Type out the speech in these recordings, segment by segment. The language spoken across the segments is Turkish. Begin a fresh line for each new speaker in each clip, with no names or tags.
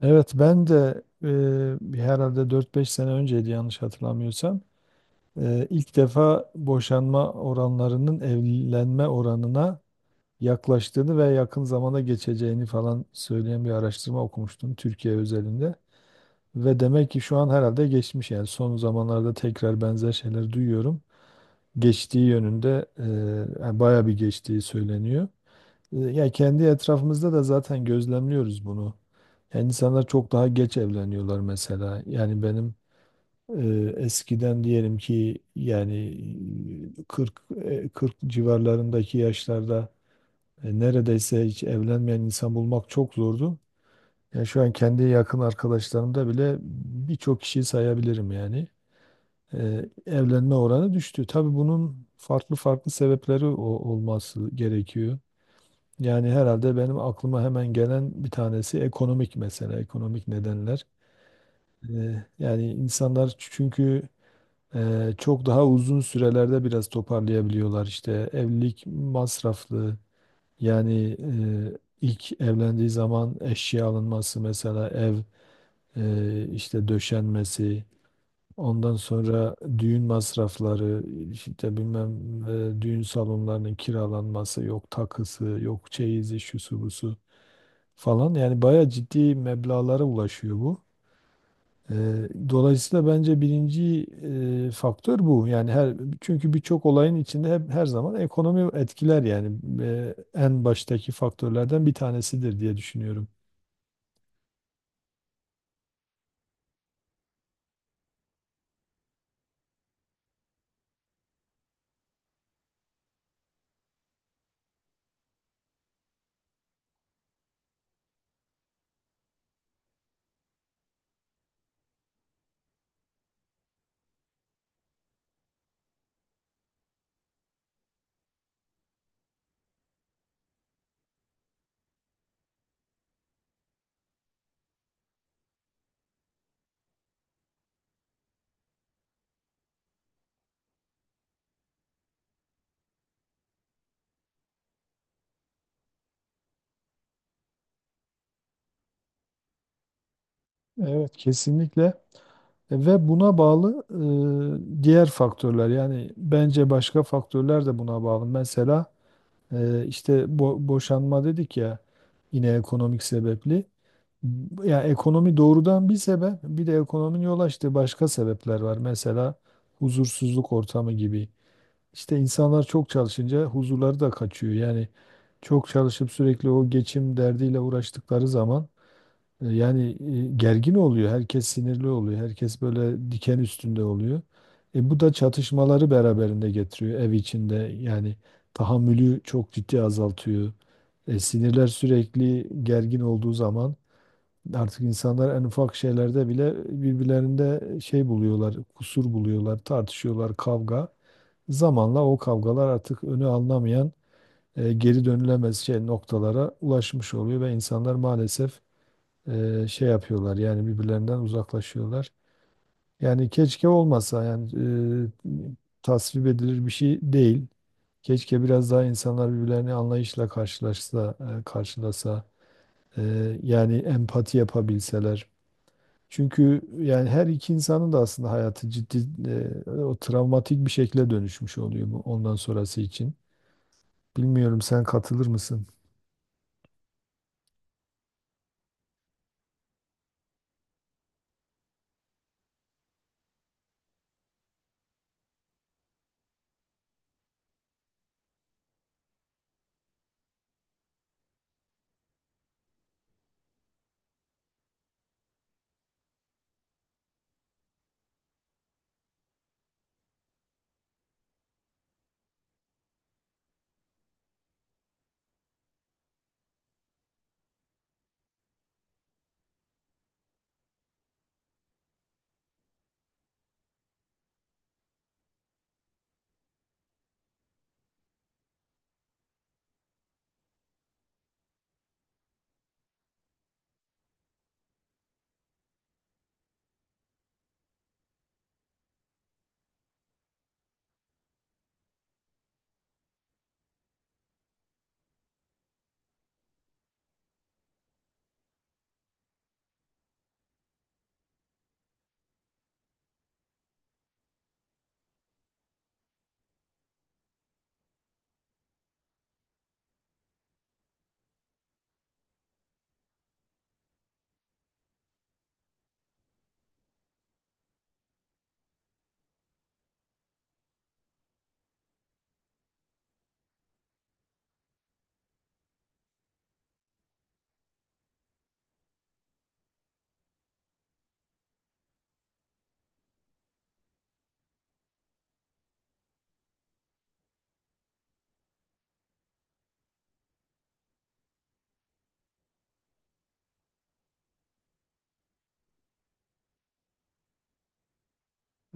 Evet ben de herhalde dört beş sene önceydi yanlış hatırlamıyorsam. İlk defa boşanma oranlarının evlenme oranına yaklaştığını ve yakın zamanda geçeceğini falan söyleyen bir araştırma okumuştum Türkiye özelinde. Ve demek ki şu an herhalde geçmiş, yani son zamanlarda tekrar benzer şeyler duyuyorum. Geçtiği yönünde, yani bayağı bir geçtiği söyleniyor. Ya kendi etrafımızda da zaten gözlemliyoruz bunu. Yani insanlar çok daha geç evleniyorlar mesela. Yani benim eskiden diyelim ki, yani 40, 40 civarlarındaki yaşlarda neredeyse hiç evlenmeyen insan bulmak çok zordu. Yani şu an kendi yakın arkadaşlarımda bile birçok kişiyi sayabilirim yani. Evlenme oranı düştü. Tabii bunun farklı farklı sebepleri olması gerekiyor. Yani herhalde benim aklıma hemen gelen bir tanesi ekonomik mesele, ekonomik nedenler. Yani insanlar, çünkü çok daha uzun sürelerde biraz toparlayabiliyorlar. İşte evlilik masraflı. Yani ilk evlendiği zaman eşya alınması, mesela ev işte döşenmesi. Ondan sonra düğün masrafları, işte bilmem, düğün salonlarının kiralanması, yok takısı, yok çeyizi, şusu busu falan. Yani bayağı ciddi meblağlara ulaşıyor bu. Eee, Dolayısıyla bence birinci faktör bu. Yani çünkü birçok olayın içinde hep her zaman ekonomi etkiler yani. En baştaki faktörlerden bir tanesidir diye düşünüyorum. Evet, kesinlikle. Ve buna bağlı, diğer faktörler, yani bence başka faktörler de buna bağlı. Mesela işte boşanma dedik ya, yine ekonomik sebepli. Ya ekonomi doğrudan bir sebep, bir de ekonominin yol açtığı başka sebepler var. Mesela huzursuzluk ortamı gibi. İşte insanlar çok çalışınca huzurları da kaçıyor. Yani çok çalışıp sürekli o geçim derdiyle uğraştıkları zaman yani gergin oluyor. Herkes sinirli oluyor. Herkes böyle diken üstünde oluyor. Bu da çatışmaları beraberinde getiriyor ev içinde. Yani tahammülü çok ciddi azaltıyor. Sinirler sürekli gergin olduğu zaman artık insanlar en ufak şeylerde bile birbirlerinde şey buluyorlar, kusur buluyorlar, tartışıyorlar, kavga. Zamanla o kavgalar artık önü alınamayan, geri dönülemez şey noktalara ulaşmış oluyor ve insanlar maalesef şey yapıyorlar, yani birbirlerinden uzaklaşıyorlar. Yani keşke olmasa, yani e, tasvip edilir bir şey değil. Keşke biraz daha insanlar birbirlerini anlayışla karşılasa, e, yani empati yapabilseler. Çünkü yani her iki insanın da aslında hayatı ciddi, o travmatik bir şekle dönüşmüş oluyor bu, ondan sonrası için. Bilmiyorum, sen katılır mısın?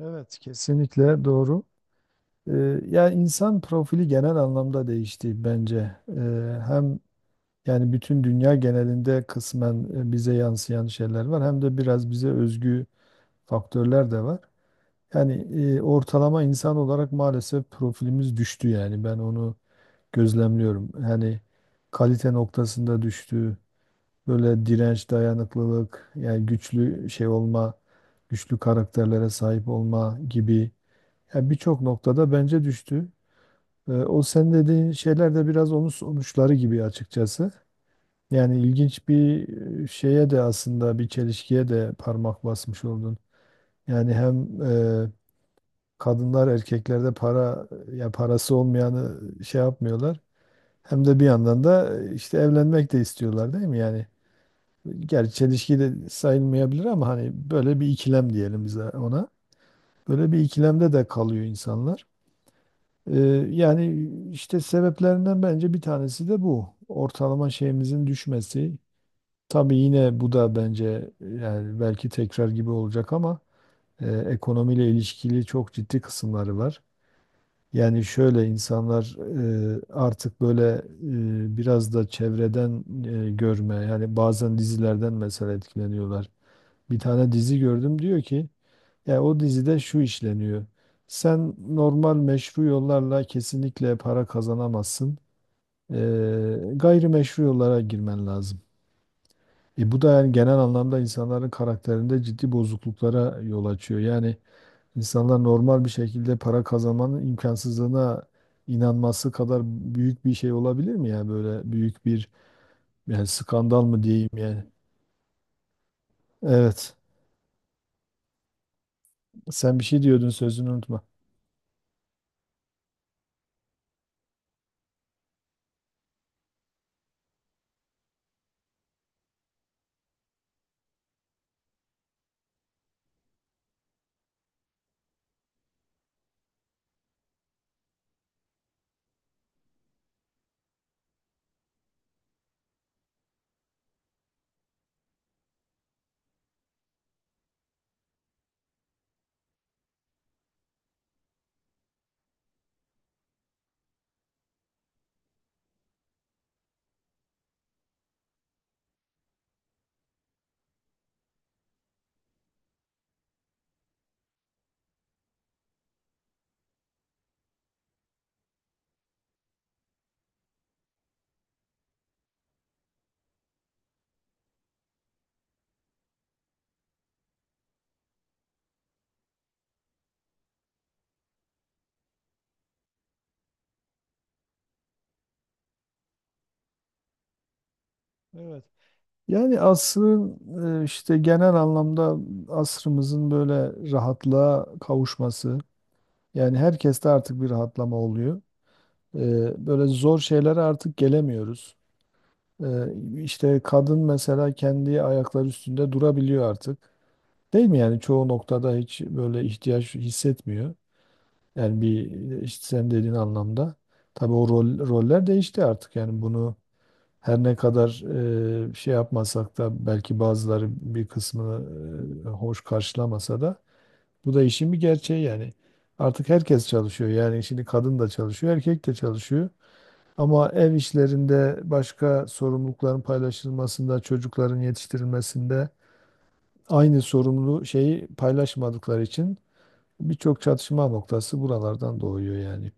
Evet, kesinlikle doğru. Ee, Yani insan profili genel anlamda değişti bence. Hem yani bütün dünya genelinde kısmen bize yansıyan şeyler var, hem de biraz bize özgü faktörler de var. Yani ortalama insan olarak maalesef profilimiz düştü, yani ben onu gözlemliyorum. Yani kalite noktasında düştü. Böyle direnç, dayanıklılık, yani güçlü şey olma, güçlü karakterlere sahip olma gibi, yani birçok noktada bence düştü. O sen dediğin şeyler de biraz onun sonuçları gibi açıkçası. Yani ilginç bir şeye de, aslında bir çelişkiye de parmak basmış oldun. Yani hem kadınlar erkeklerde para, ya parası olmayanı şey yapmıyorlar. Hem de bir yandan da işte evlenmek de istiyorlar, değil mi? Yani gerçi çelişki de sayılmayabilir ama hani böyle bir ikilem diyelim bize ona. Böyle bir ikilemde de kalıyor insanlar. Ee, Yani işte sebeplerinden bence bir tanesi de bu. Ortalama şeyimizin düşmesi. Tabii yine bu da bence yani belki tekrar gibi olacak ama ekonomiyle ilişkili çok ciddi kısımları var. Yani şöyle, insanlar artık böyle biraz da çevreden görme, yani bazen dizilerden mesela etkileniyorlar. Bir tane dizi gördüm diyor ki ya, o dizide şu işleniyor. Sen normal meşru yollarla kesinlikle para kazanamazsın. Gayri meşru yollara girmen lazım. Bu da yani genel anlamda insanların karakterinde ciddi bozukluklara yol açıyor. Yani İnsanlar normal bir şekilde para kazanmanın imkansızlığına inanması kadar büyük bir şey olabilir mi ya, böyle büyük bir, yani skandal mı diyeyim yani. Evet. Sen bir şey diyordun, sözünü unutma. Evet. Yani asrın işte genel anlamda asrımızın böyle rahatlığa kavuşması. Yani herkeste artık bir rahatlama oluyor. Böyle zor şeylere artık gelemiyoruz. E, İşte kadın mesela kendi ayakları üstünde durabiliyor artık. Değil mi yani, çoğu noktada hiç böyle ihtiyaç hissetmiyor. Yani bir, işte sen dediğin anlamda. Tabii o roller değişti artık. Yani bunu her ne kadar şey yapmasak da, belki bazıları bir kısmını hoş karşılamasa da, bu da işin bir gerçeği yani. Artık herkes çalışıyor. Yani şimdi kadın da çalışıyor, erkek de çalışıyor. Ama ev işlerinde, başka sorumlulukların paylaşılmasında, çocukların yetiştirilmesinde aynı sorumluluğu, şeyi paylaşmadıkları için birçok çatışma noktası buralardan doğuyor yani.